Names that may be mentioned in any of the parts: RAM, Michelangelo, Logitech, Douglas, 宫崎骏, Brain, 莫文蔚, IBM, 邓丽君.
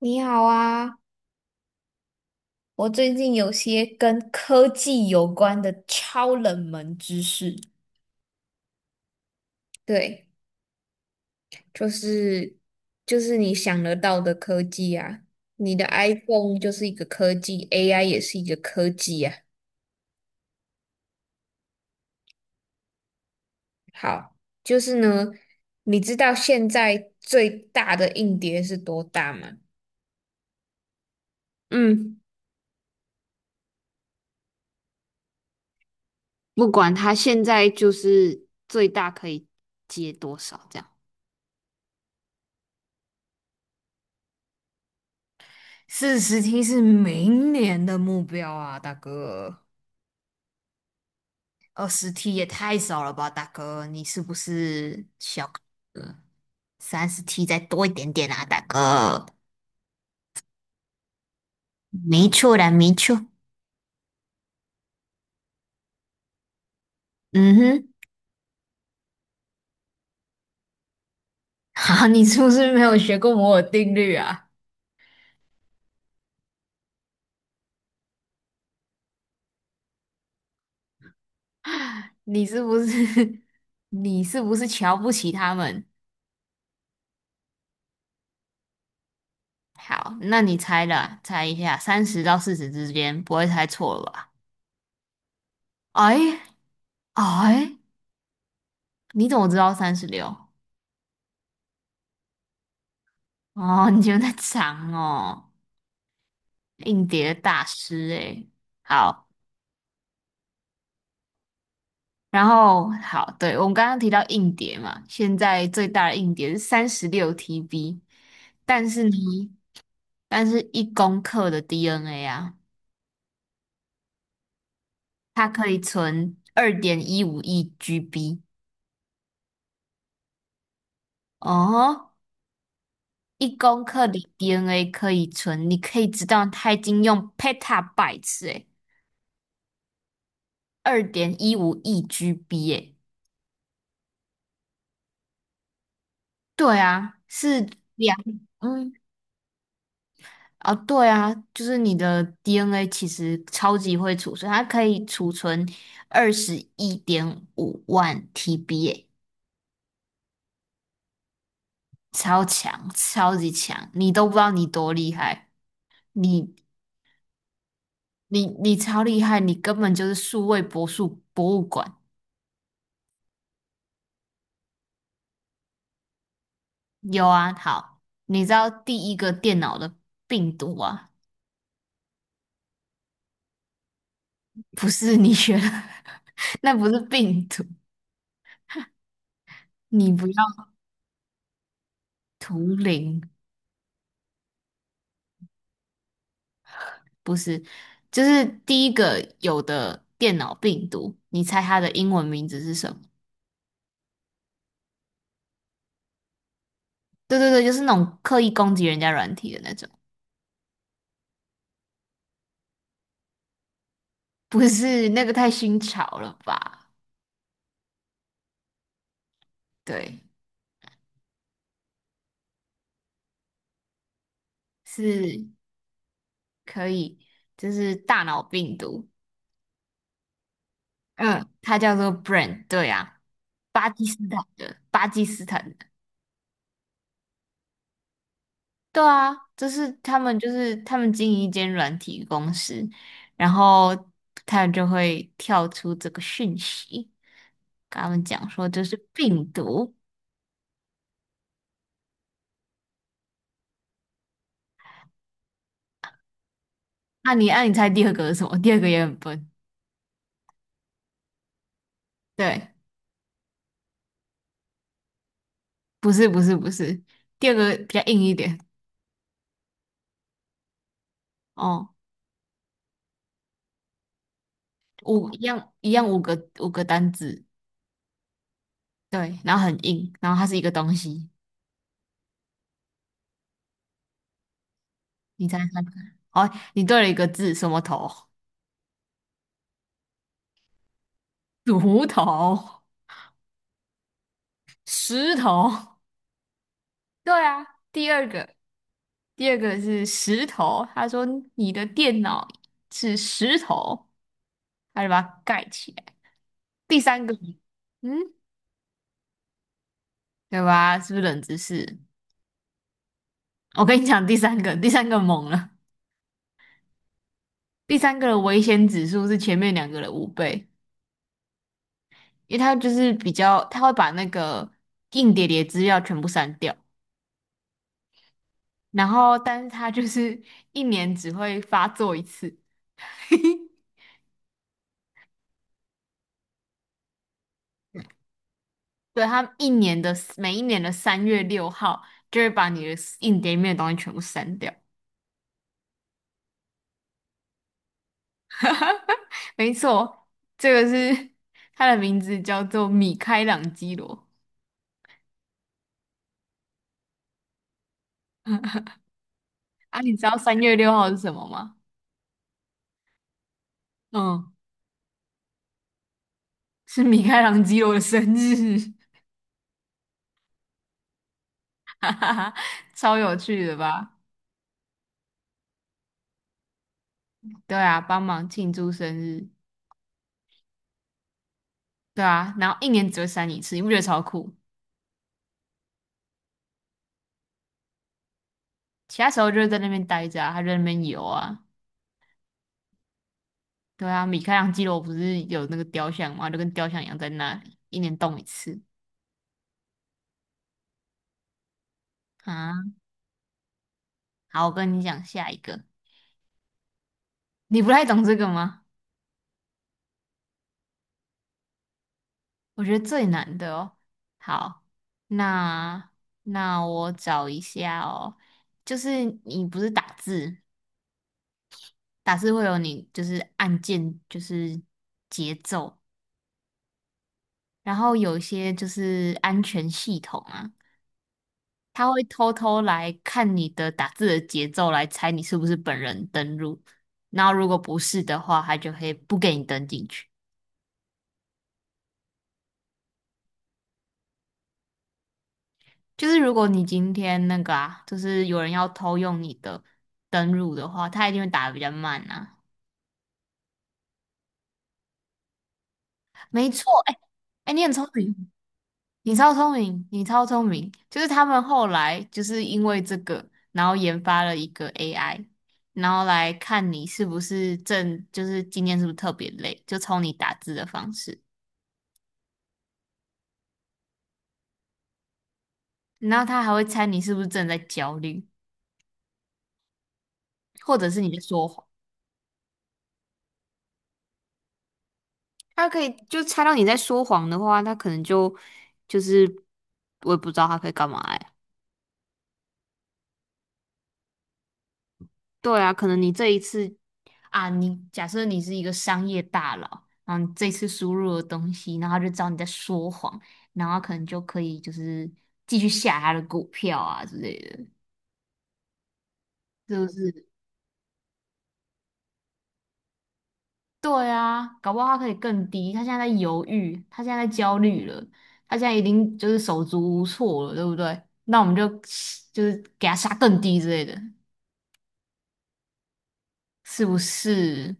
你好啊，我最近有些跟科技有关的超冷门知识。对，就是就是你想得到的科技啊，你的 iPhone 就是一个科技，AI 也是一个科技啊。好，就是呢，你知道现在最大的硬碟是多大吗？嗯，不管它现在就是最大可以接多少这样。40T 是明年的目标啊，大哥。20T 也太少了吧，大哥，你是不是小？30T 再多一点点啊，大哥。没错的，没错。嗯哼，好，你是不是没有学过摩尔定律啊？你是不是 你是不是瞧不起他们？好，那你猜了，猜一下，30到40之间，不会猜错了吧？哎哎，你怎么知道三十六？哦，你觉得长哦，硬碟大师诶。好，然后好，对，我们刚刚提到硬碟嘛，现在最大的硬碟是36TB，但是呢，但是一公克的 DNA 啊，它可以存二点一五亿 GB 哦，1公克的 DNA 可以存，你可以知道它已经用 petabytes 诶，二点一五亿 GB 诶，对啊，是两。嗯。啊，对啊，就是你的 DNA 其实超级会储存，它可以储存二十一点五万 TB，耶超强，超级强，你都不知道你多厉害，你超厉害，你根本就是数位博术博物馆。有啊，好，你知道第一个电脑的病毒啊，不是你学的，那不是病毒，你不要图灵。不是，就是第一个有的电脑病毒，你猜它的英文名字是什么？对对对，就是那种刻意攻击人家软体的那种，不是那个太新潮了吧？对，是可以，就是大脑病毒，嗯，它叫做 Brain，对啊，巴基斯坦的，巴基斯坦对啊，就是他们经营一间软体公司，然后他们就会跳出这个讯息，跟他们讲说这是病毒。那、你按、啊你猜第二个是什么？第二个也很笨。对，不是不是不是，第二个比较硬一点。哦，五一样一样五个五个单字，对，然后很硬，然后它是一个东西。你猜猜看？哦，你对了一个字，什么头？乳头、石头。对啊，第二个，第二个是石头。他说你的电脑是石头，他就把它盖起来。第三个，嗯，对吧？是不是冷知识？我跟你讲，第三个，第三个猛了。第三个的危险指数是前面两个的5倍，因为他就是比较，他会把那个硬碟里的资料全部删掉，然后但是他就是一年只会发作一次。对，他们一年的每一年的三月六号就会把你的硬碟里面的东西全部删掉。没错，这个是他的名字叫做米开朗基罗啊。你知道三月六号是什么吗？嗯，是米开朗基罗的生日，哈哈哈，超有趣的吧？对啊，帮忙庆祝生日，对啊，然后一年只会删一次，你不觉得超酷？其他时候就是在那边待着啊，他就在那边游啊。对啊，米开朗基罗不是有那个雕像吗？就跟雕像一样在那里，一年动一次啊。好，我跟你讲下一个，你不太懂这个吗？我觉得最难的哦。好，那那我找一下哦，就是你不是打字，打字会有你就是按键，就是节奏，然后有一些就是安全系统啊。他会偷偷来看你的打字的节奏，来猜你是不是本人登录。然后如果不是的话，他就会不给你登进去。就是如果你今天那个啊，就是有人要偷用你的登录的话，他一定会打的比较慢呐。没错，哎哎，你很聪明，你超聪明，你超聪明。就是他们后来就是因为这个，然后研发了一个 AI。然后来看你是不是正，就是今天是不是特别累，就从你打字的方式。然后他还会猜你是不是正在焦虑，或者是你在说谎。他可以就猜到你在说谎的话，他可能就就是我也不知道他可以干嘛哎。对啊，可能你这一次啊，你假设你是一个商业大佬，然后你这次输入了东西，然后他就知道你在说谎，然后可能就可以就是继续下他的股票啊之类的，是不是？对啊，搞不好他可以更低。他现在在犹豫，他现在在焦虑了，他现在已定就是手足无措了，对不对？那我们就就是给他杀更低之类的，是不是？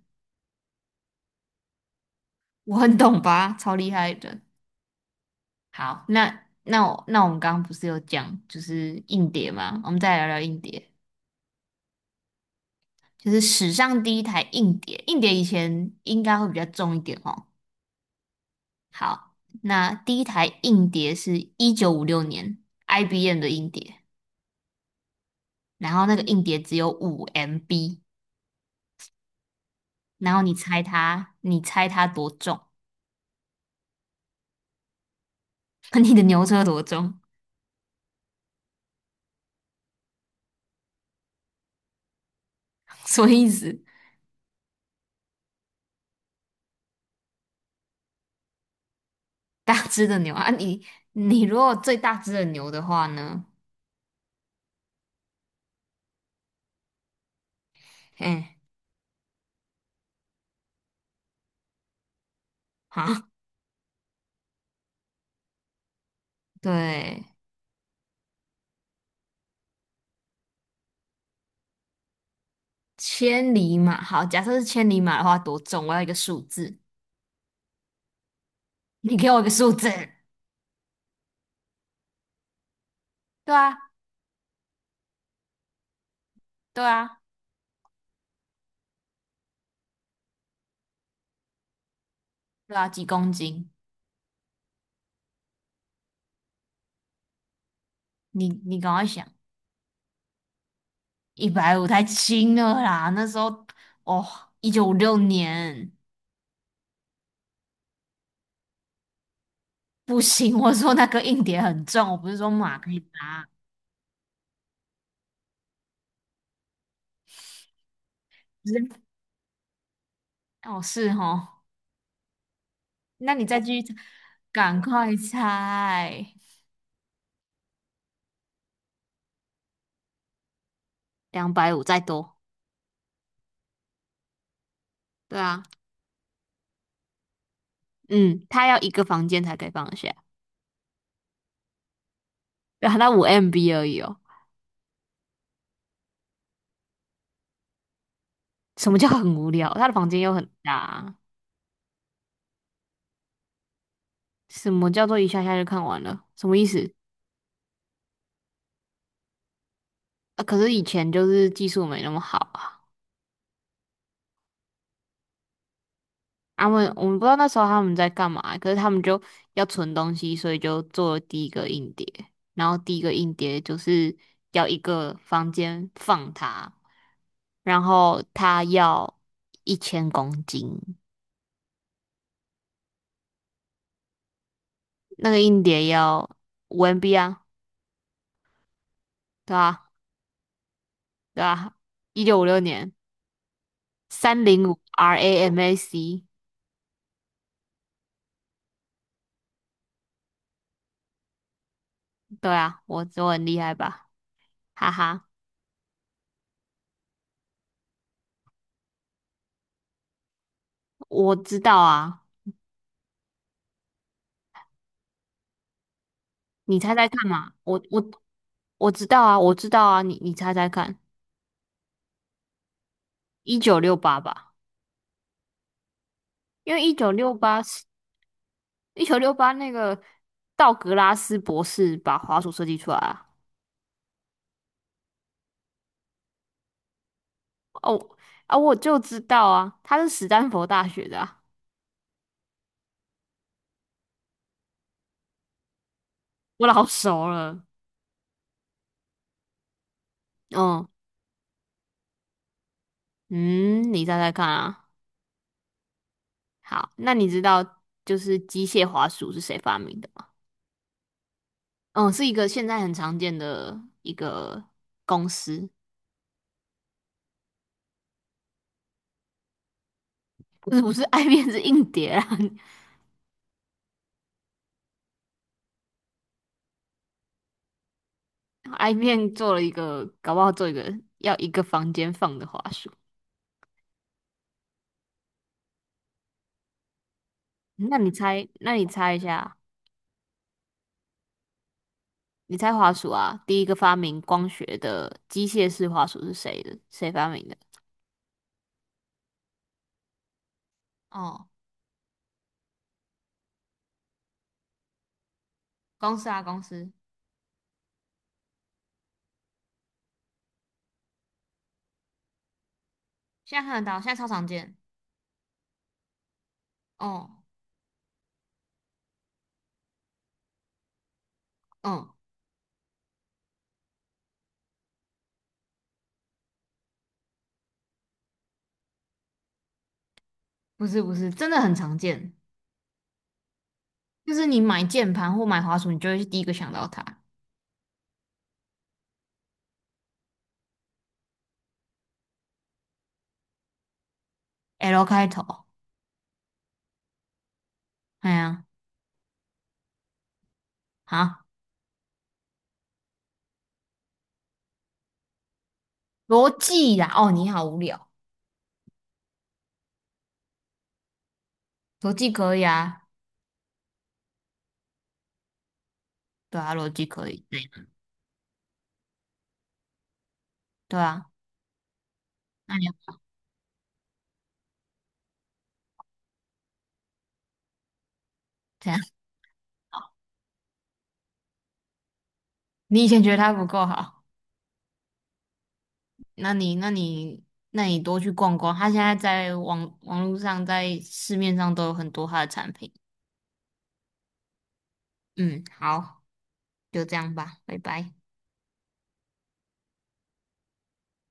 我很懂吧，超厉害的。好，那我们刚刚不是有讲就是硬碟吗？我们再来聊聊硬碟，就是史上第一台硬碟。硬碟以前应该会比较重一点哦。好，那第一台硬碟是一九五六年 IBM 的硬碟。然后那个硬碟只有五 MB，然后你猜它，你猜它多重？你的牛车多重？什么意思？大只的牛啊，你如果最大只的牛的话呢？哎，好，对，千里马，好，假设是千里马的话多重？我要一个数字，你给我一个数字。对啊，对啊，对啊，几公斤？你赶快想，150太轻了啦，那时候哦，一九五六年。不行，我说那个硬碟很重，我不是说马可以搭。不是哦，是哦，那你再继续猜，赶快猜。250再多，对啊，嗯，他要一个房间才可以放得下，对啊，后他五 MB 而已哦。什么叫很无聊？他的房间又很大啊什么叫做一下下就看完了？什么意思？啊，可是以前就是技术没那么好啊。他们我们不知道那时候他们在干嘛，可是他们就要存东西，所以就做了第一个硬碟，然后第一个硬碟就是要一个房间放它，然后它要1000公斤，那个硬碟要五 MB 啊，对啊，对啊，一九五六年305 RAM a c 对啊，我很厉害吧，哈哈，我知道啊。你猜猜看嘛，我知道啊，我知道啊，你猜猜看，一九六八吧，因为一九六八是一九六八那个道格拉斯博士把滑鼠设计出来啊，哦啊，我就知道啊，他是史丹佛大学的啊，我老熟了，嗯嗯，你猜猜看啊，好，那你知道就是机械滑鼠是谁发明的吗？嗯，是一个现在很常见的一个公司，不是不是爱 面子硬碟啊。I 面做了一个，搞不好做一个要一个房间放的滑鼠。那你猜，那你猜一下，你猜滑鼠啊？第一个发明光学的机械式滑鼠是谁的？谁发明的？哦，公司啊，公司，现在看得到，现在超常见。哦，嗯，不是不是，真的很常见，就是你买键盘或买滑鼠，你就会第一个想到它。L 开头，哎呀，啊，逻辑呀，哦，你好无聊，逻辑可以啊，对啊，逻辑可以，对啊，那你要怎样你以前觉得它不够好，那你那你那你多去逛逛，它现在在网络上在市面上都有很多它的产品。嗯，好，就这样吧，拜拜。